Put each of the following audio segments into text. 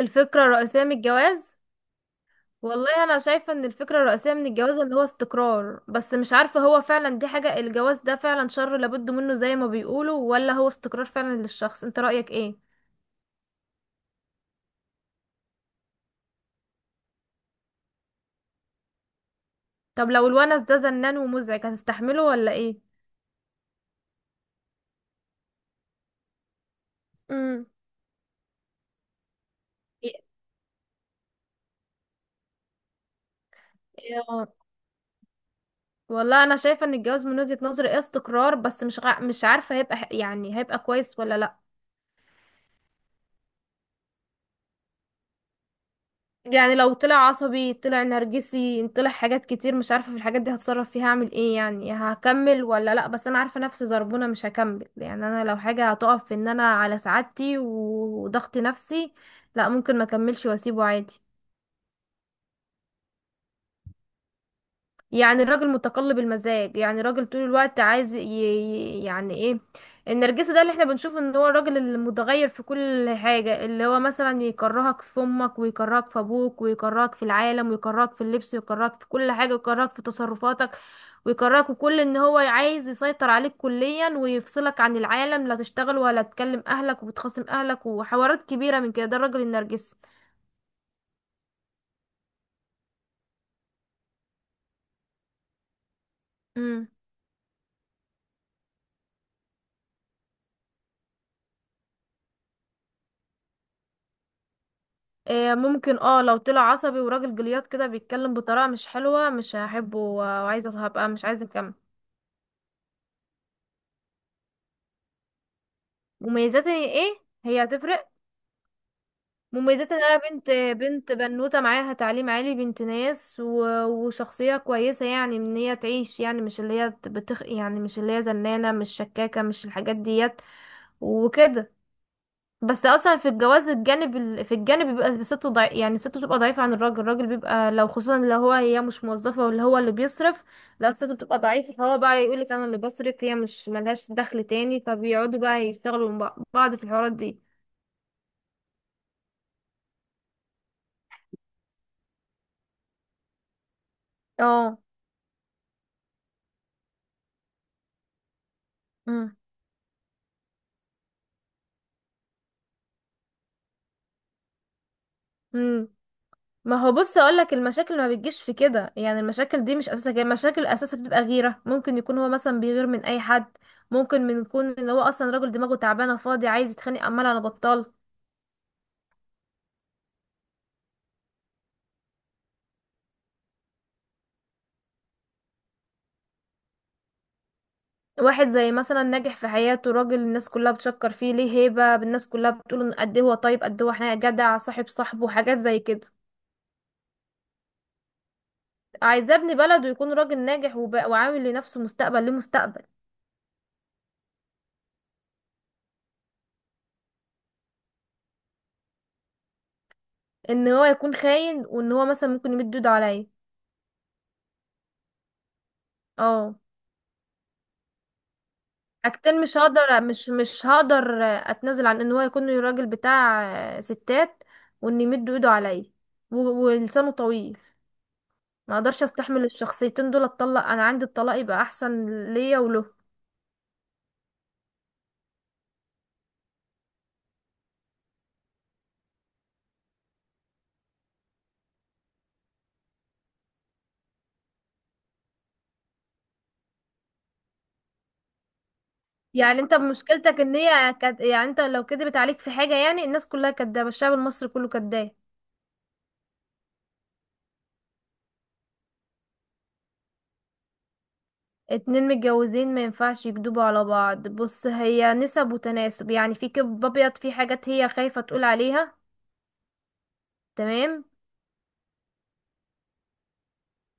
الفكرة الرئيسية من الجواز. والله أنا شايفة إن الفكرة الرئيسية من الجواز اللي هو استقرار، بس مش عارفة هو فعلا دي حاجة. الجواز ده فعلا شر لابد منه زي ما بيقولوا، ولا هو استقرار فعلا للشخص؟ انت رأيك ايه؟ طب لو الونس ده زنان ومزعج هتستحمله ولا ايه؟ امم. إيه- والله أنا شايفة إن الجواز من وجهة نظري ايه استقرار، بس مش عارفة هيبقى يعني هيبقى كويس ولا لأ. يعني لو طلع عصبي، طلع نرجسي، طلع حاجات كتير مش عارفة في الحاجات دي هتصرف فيها اعمل ايه، يعني هكمل ولا لا، بس انا عارفة نفسي زربونة مش هكمل. يعني انا لو حاجة هتقف في ان انا على سعادتي وضغط نفسي، لا ممكن ما اكملش واسيبه عادي. يعني الراجل متقلب المزاج، يعني راجل طول الوقت عايز يعني ايه، النرجسي ده اللي احنا بنشوف ان هو الراجل المتغير في كل حاجة، اللي هو مثلا يكرهك في امك، ويكرهك في ابوك، ويكرهك في العالم، ويكرهك في اللبس، ويكرهك في كل حاجة، ويكرهك في تصرفاتك، ويكرهك، وكل ان هو عايز يسيطر عليك كليا ويفصلك عن العالم، لا تشتغل ولا تكلم اهلك، وبتخاصم اهلك، وحوارات كبيرة من كده. ده الراجل النرجسي. إيه، ممكن اه، لو طلع عصبي وراجل جليات كده بيتكلم بطريقة مش حلوة مش هحبه وعايزة هبقى مش عايزة اكمل. مميزاتي ايه؟ هي هتفرق. مميزات ان انا بنت، بنت بنوتة معاها تعليم عالي، بنت ناس وشخصية كويسة، يعني ان هي تعيش يعني مش اللي هي بتخ، يعني مش اللي هي زنانة، مش شكاكة، مش الحاجات ديت وكده. بس اصلا في الجواز الجانب في الجانب بيبقى الست يعني الست بتبقى ضعيفة عن الراجل، الراجل بيبقى لو خصوصا لو هو هي مش موظفة ولا هو اللي بيصرف. لو الست بتبقى ضعيفة فهو بقى يقولك انا اللي بصرف، هي مش ملهاش دخل تاني، فبيقعدوا بقى يشتغلوا مع بعض في الحوارات دي. اه. امم. امم. ما هو بص اقولك المشاكل ما بتجيش في كده، يعني المشاكل دي مش اساسها جاي، المشاكل اساسها بتبقى غيرة، ممكن يكون هو مثلا بيغير من اي حد، ممكن من يكون ان هو اصلا راجل دماغه تعبانة فاضي عايز يتخانق عمال على بطال. واحد زي مثلا ناجح في حياته، راجل الناس كلها بتشكر فيه، ليه هيبة، الناس كلها بتقول ان قد ايه هو طيب، قد ايه هو احنا جدع، صاحب صاحبه، حاجات زي كده. عايزاه ابن بلده، يكون راجل ناجح وعامل لنفسه مستقبل، ليه مستقبل. ان هو يكون خاين، وان هو مثلا ممكن يمد ايده عليا. اه. حاجتين مش هقدر، مش هقدر اتنازل عن ان هو يكون راجل بتاع ستات، وان يمد ايده عليا، ولسانه طويل. ما اقدرش استحمل الشخصيتين دول، اتطلق، انا عندي الطلاق يبقى احسن ليا وله. يعني انت مشكلتك ان هي يعني انت لو كدبت عليك في حاجة، يعني الناس كلها كدابة، الشعب المصري كله كداب. اتنين متجوزين ما ينفعش يكدبوا على بعض. بص هي نسب وتناسب، يعني في كذب ابيض، في حاجات هي خايفة تقول عليها. تمام.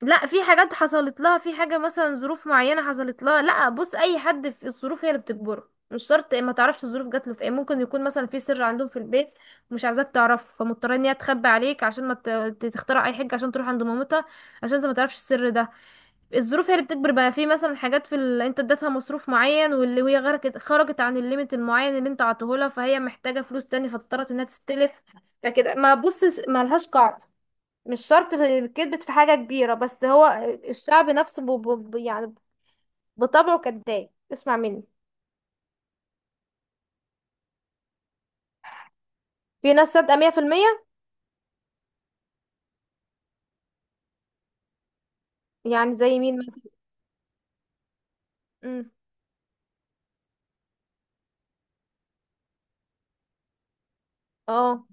لا، في حاجات حصلت لها، في حاجة مثلا ظروف معينة حصلت لها. لا بص، اي حد في الظروف هي اللي بتجبره، مش شرط ما تعرفش الظروف جات له في ايه، ممكن يكون مثلا في سر عندهم في البيت مش عايزاك تعرفه، فمضطره ان هي تخبي عليك عشان ما تخترع اي حاجه عشان تروح عند مامتها، عشان انت ما تعرفش السر ده. الظروف هي اللي بتجبر بقى. في مثلا حاجات في انت اديتها مصروف معين واللي هي غرقت، خرجت عن الليميت المعين اللي انت عطيهولها، فهي محتاجه فلوس تاني، فاضطرت انها تستلف. فكده ما بصش، ما لهاش قاعده، مش شرط كذبت في حاجة كبيرة. بس هو الشعب نفسه يعني بطبعه كذاب، اسمع مني. في ناس صادقة 100%. يعني زي مين مثلا؟ امم. اه.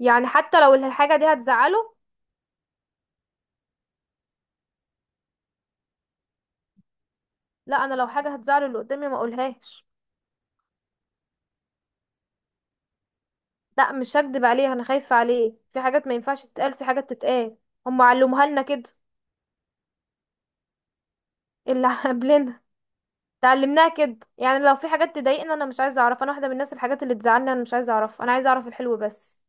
يعني حتى لو الحاجة دي هتزعله. لا، انا لو حاجة هتزعله اللي قدامي ما اقولهاش. لا مش هكدب عليه، انا خايفة عليه، في حاجات ما ينفعش تتقال، في حاجات تتقال، هم علموها لنا كده. اللي قبلنا. اتعلمناها كده، يعني لو في حاجات تضايقنا انا مش عايزه اعرف، انا واحده من الناس الحاجات اللي تزعلني انا مش عايزه اعرف، انا عايزه اعرف الحلو بس.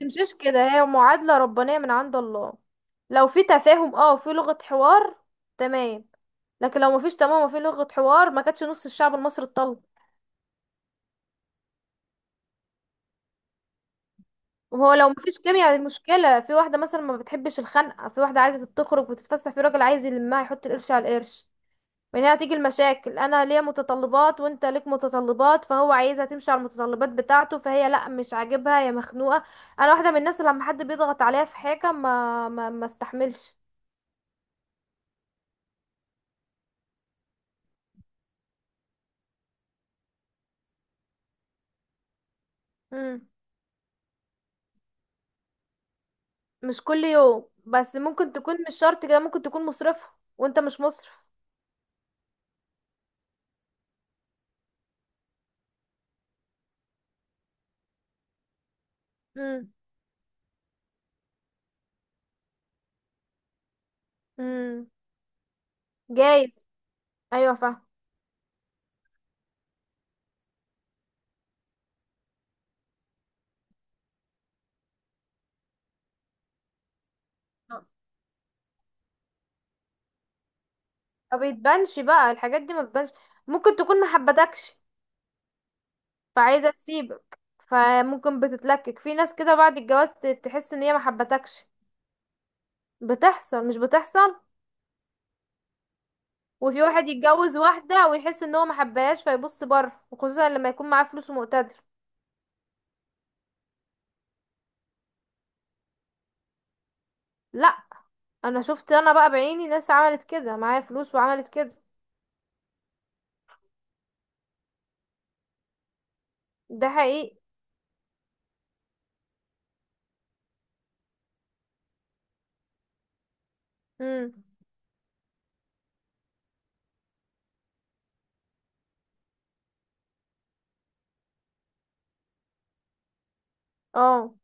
تمشيش كده، هي معادلة ربانية من عند الله. لو في تفاهم، اه، في لغة حوار، تمام. لكن لو مفيش تمام وفي لغة حوار، ما كانتش نص الشعب المصري اتطلق. وهو لو مفيش كيمياء دي مشكلة، في واحدة مثلا ما بتحبش الخنقة، في واحدة عايزة تخرج وتتفسح، في راجل عايز يلمها يحط القرش على القرش. من هنا هتيجي المشاكل، انا ليا متطلبات وانت ليك متطلبات، فهو عايزها تمشي على المتطلبات بتاعته، فهي لا مش عاجبها يا مخنوقة. انا واحدة من الناس اللي لما حد بيضغط عليها في حاجة ما استحملش. مش كل يوم، بس ممكن تكون مش شرط كده، ممكن تكون مصرفة وانت مش مصرف. امم. امم. جايز. ايوه فاهم. ما بتبانش بقى الحاجات دي ما بتبانش. ممكن تكون ما حبتكش فعايزة تسيبك، فممكن بتتلكك في ناس كده بعد الجواز تحس ان هي ما حبتكش، بتحصل مش بتحصل. وفي واحد يتجوز واحدة ويحس ان هو ما حبهاش فيبص بره، وخصوصا لما يكون معاه فلوس ومقتدر. لا. انا شفت انا بقى بعيني ناس عملت كده، معايا فلوس وعملت كده. ده حقيقي. امم. اه.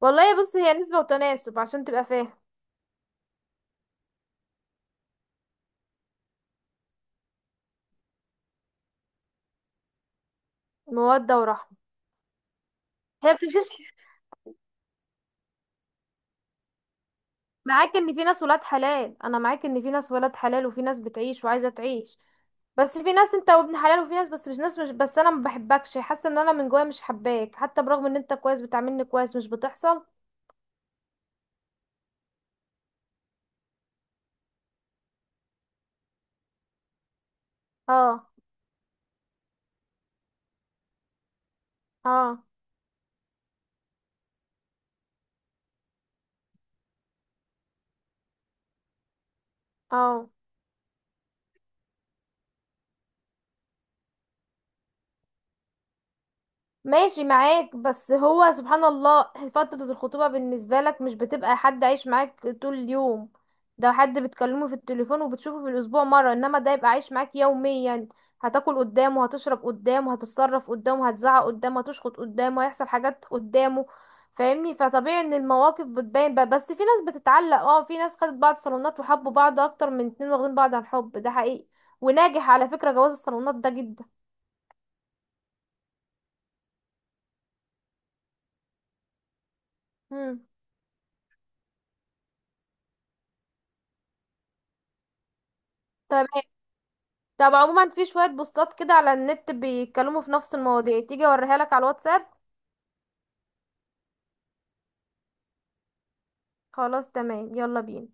والله بص، هي نسبة وتناسب عشان تبقى فاهم. مودة ورحمة. هي بتمشيش معاك ان في ناس ولاد حلال. انا معاك ان في ناس ولاد حلال، وفي ناس بتعيش وعايزة تعيش، بس في ناس انت وابن حلال، وفي ناس بس مش ناس مش بس انا ما بحبكش، حاسة ان انا من جوايا مش حباك حتى برغم ان انت كويس بتعاملني كويس. مش بتحصل. اه. اه. اه. ماشي معاك، بس هو سبحان الله، فترة الخطوبة بالنسبة لك مش بتبقى حد عايش معاك طول اليوم، ده حد بتكلمه في التليفون وبتشوفه في الأسبوع مرة، إنما ده يبقى عايش معاك يوميا. هتاكل قدامه، هتشرب قدامه، هتتصرف قدامه، هتزعق قدامه، هتشخط قدامه، هيحصل حاجات قدامه، فاهمني؟ فطبيعي ان المواقف بتبان بقى. بس في ناس بتتعلق، اه في ناس خدت بعض صالونات وحبوا بعض اكتر من اتنين واخدين بعض عن حب، ده حقيقي وناجح. على فكرة جواز الصالونات ده جدا. مم. تمام. طب عموما في شوية بوستات كده على النت بيتكلموا في نفس المواضيع، تيجي اوريها لك على الواتساب. خلاص تمام، يلا بينا.